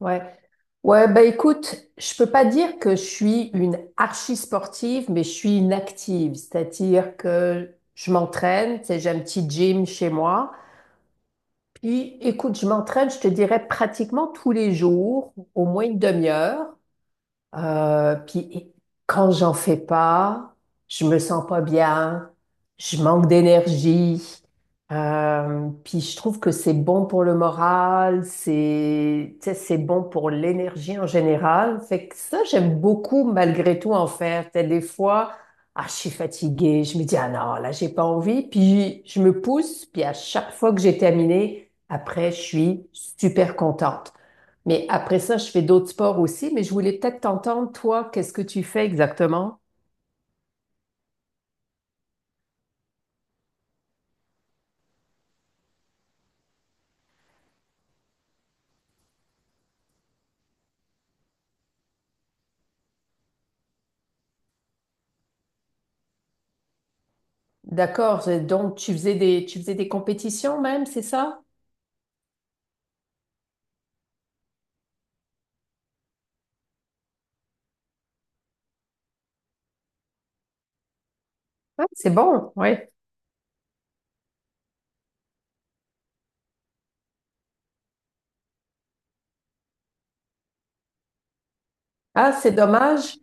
Ouais. Ouais, bah écoute, je peux pas dire que je suis une archi sportive, mais je suis une active, c'est-à-dire que je m'entraîne, tu sais, j'ai un petit gym chez moi. Puis écoute, je m'entraîne, je te dirais pratiquement tous les jours, au moins une demi-heure. Puis quand j'en fais pas, je me sens pas bien, je manque d'énergie. Puis je trouve que c'est bon pour le moral, c'est, tu sais, c'est bon pour l'énergie en général. Fait que ça, j'aime beaucoup malgré tout en faire. Tu sais, des fois, ah, je suis fatiguée, je me dis, ah non, là, j'ai pas envie. Puis je me pousse, puis à chaque fois que j'ai terminé, après, je suis super contente. Mais après ça, je fais d'autres sports aussi, mais je voulais peut-être t'entendre, toi, qu'est-ce que tu fais exactement? D'accord, donc tu faisais des compétitions même, c'est ça? Ah, c'est bon, oui. Ah, c'est dommage.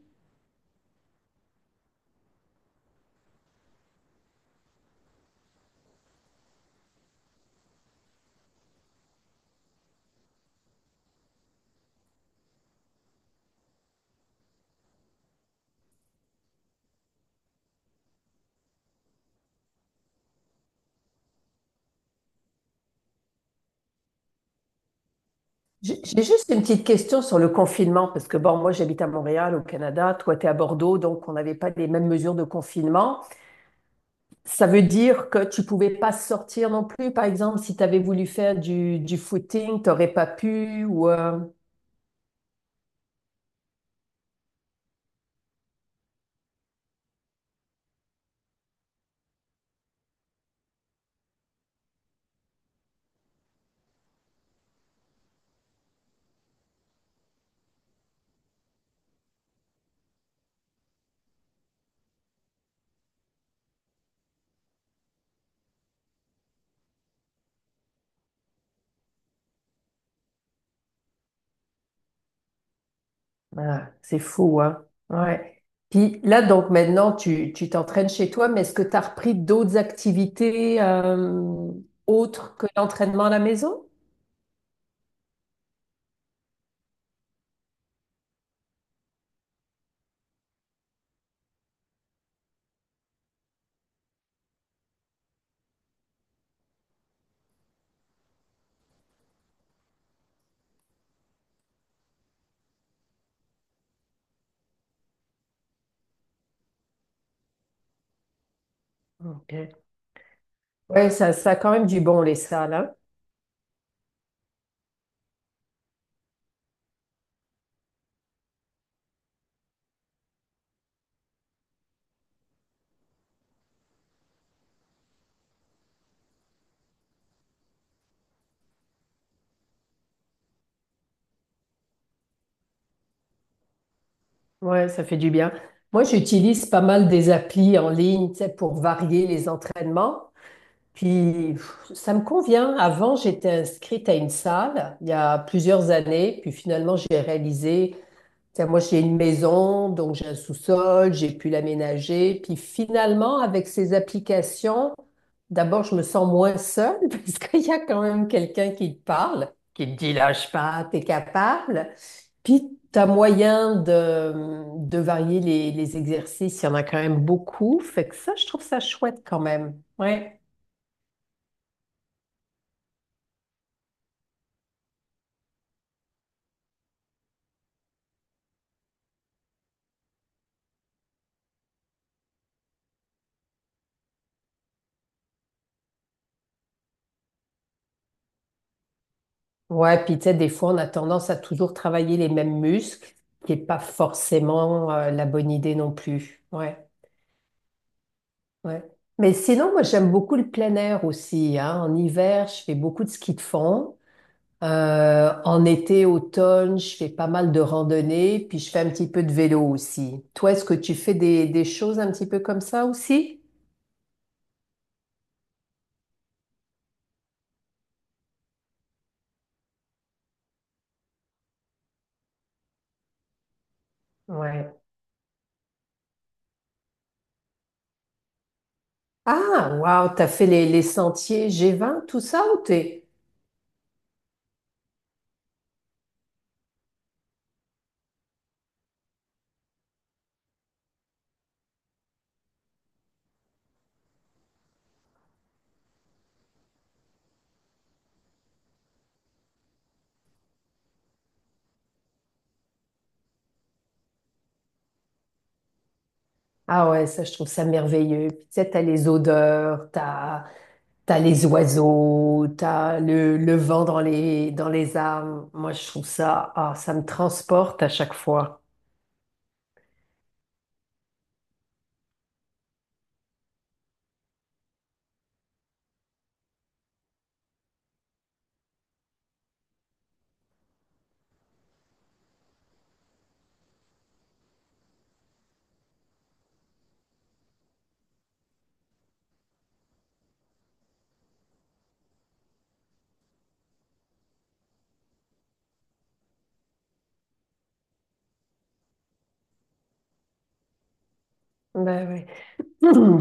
J'ai juste une petite question sur le confinement, parce que bon, moi j'habite à Montréal, au Canada, toi tu es à Bordeaux, donc on n'avait pas les mêmes mesures de confinement. Ça veut dire que tu pouvais pas sortir non plus, par exemple, si tu avais voulu faire du footing, t'aurais pas pu ah, c'est fou, hein? Ouais. Puis là, donc maintenant, tu t'entraînes chez toi, mais est-ce que tu as repris d'autres activités autres que l'entraînement à la maison? Ok. Ouais, ça a quand même du bon, les salles, hein? Ouais, ça fait du bien. Moi, j'utilise pas mal des applis en ligne, tu sais, pour varier les entraînements. Puis pff, ça me convient. Avant, j'étais inscrite à une salle il y a plusieurs années, puis finalement, j'ai réalisé. T'sais, moi, j'ai une maison, donc j'ai un sous-sol, j'ai pu l'aménager. Puis finalement, avec ces applications, d'abord, je me sens moins seule parce qu'il y a quand même quelqu'un qui te parle, qui te dit lâche pas, t'es capable. Puis t'as moyen de varier les exercices. Il y en a quand même beaucoup. Fait que ça, je trouve ça chouette quand même. Ouais. Ouais, puis tu sais, des fois, on a tendance à toujours travailler les mêmes muscles, ce qui n'est pas forcément la bonne idée non plus. Ouais. Ouais. Mais sinon, moi, j'aime beaucoup le plein air aussi. Hein. En hiver, je fais beaucoup de ski de fond. En été, automne, je fais pas mal de randonnées, puis je fais un petit peu de vélo aussi. Toi, est-ce que tu fais des choses un petit peu comme ça aussi? Ouais. Ah, waouh, t'as fait les sentiers G20, tout ça ou t'es... Ah ouais, ça, je trouve ça merveilleux. Puis tu sais, t'as les odeurs, t'as... T'as les oiseaux, t'as le vent dans les arbres. Moi, je trouve ça, ah, ça me transporte à chaque fois. Ben ouais.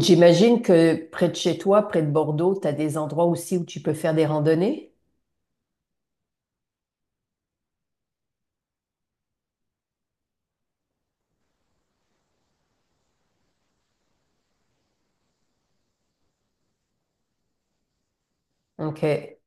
J'imagine que près de chez toi, près de Bordeaux, t'as des endroits aussi où tu peux faire des randonnées. Ok. Hein.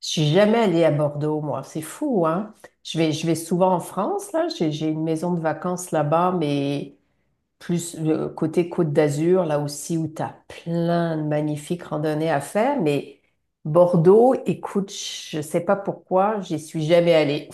Je suis jamais allée à Bordeaux, moi. C'est fou, hein? Je vais souvent en France, là. J'ai une maison de vacances là-bas, mais plus le côté Côte d'Azur, là aussi où tu as plein de magnifiques randonnées à faire. Mais Bordeaux, écoute, je sais pas pourquoi, j'y suis jamais allée.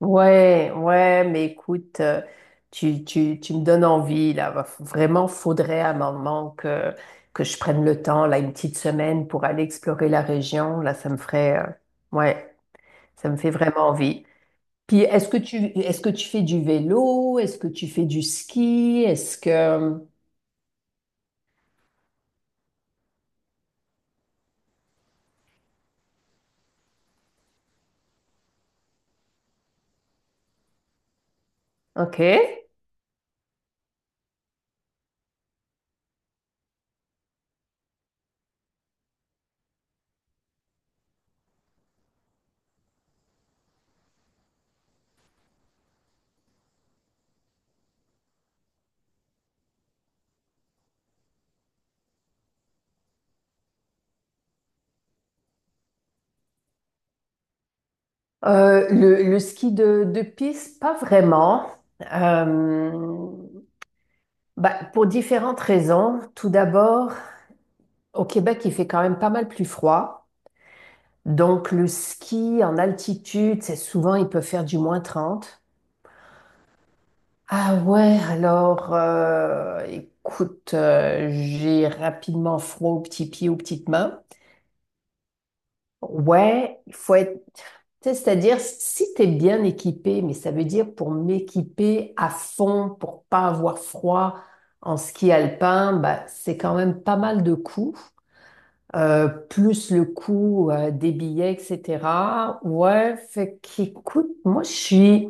Ouais, ouais, mais écoute, tu me donnes envie, là. Vraiment, faudrait à un moment que, je prenne le temps, là, une petite semaine pour aller explorer la région. Là, ça me ferait, ouais, ça me fait vraiment envie. Puis, est-ce que tu fais du vélo? Est-ce que tu fais du ski? Est-ce que... OK. Le ski de piste, pas vraiment. Euh, bah, pour différentes raisons. Tout d'abord, au Québec, il fait quand même pas mal plus froid. Donc, le ski en altitude, c'est souvent, il peut faire du -30. Ah ouais, alors, écoute, j'ai rapidement froid aux petits pieds, aux petites mains. Ouais, il faut être. Tu sais, c'est-à-dire, si tu es bien équipé, mais ça veut dire pour m'équiper à fond, pour pas avoir froid en ski alpin, bah, c'est quand même pas mal de coûts, plus le coût des billets, etc. Ouais, fait qu'écoute, moi je suis,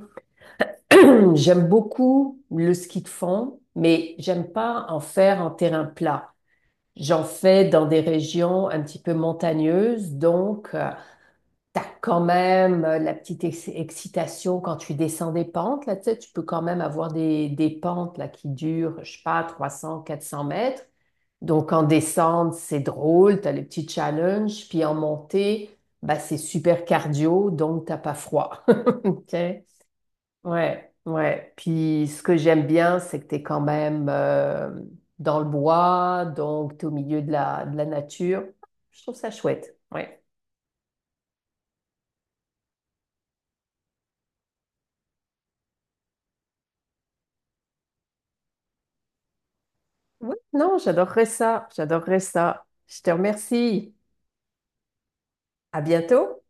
j'aime beaucoup le ski de fond, mais j'aime pas en faire en terrain plat. J'en fais dans des régions un petit peu montagneuses, donc. T'as quand même la petite excitation quand tu descends des pentes, là, tu sais, tu peux quand même avoir des pentes là, qui durent, je sais pas, 300, 400 mètres. Donc, en descente, c'est drôle, t'as les petits challenges, puis en montée, bah, c'est super cardio, donc t'as pas froid. OK? Ouais, ouais. Puis, ce que j'aime bien, c'est que t'es quand même dans le bois, donc t'es au milieu de la nature. Je trouve ça chouette. Ouais. Oui, non, j'adorerais ça. J'adorerais ça. Je te remercie. À bientôt.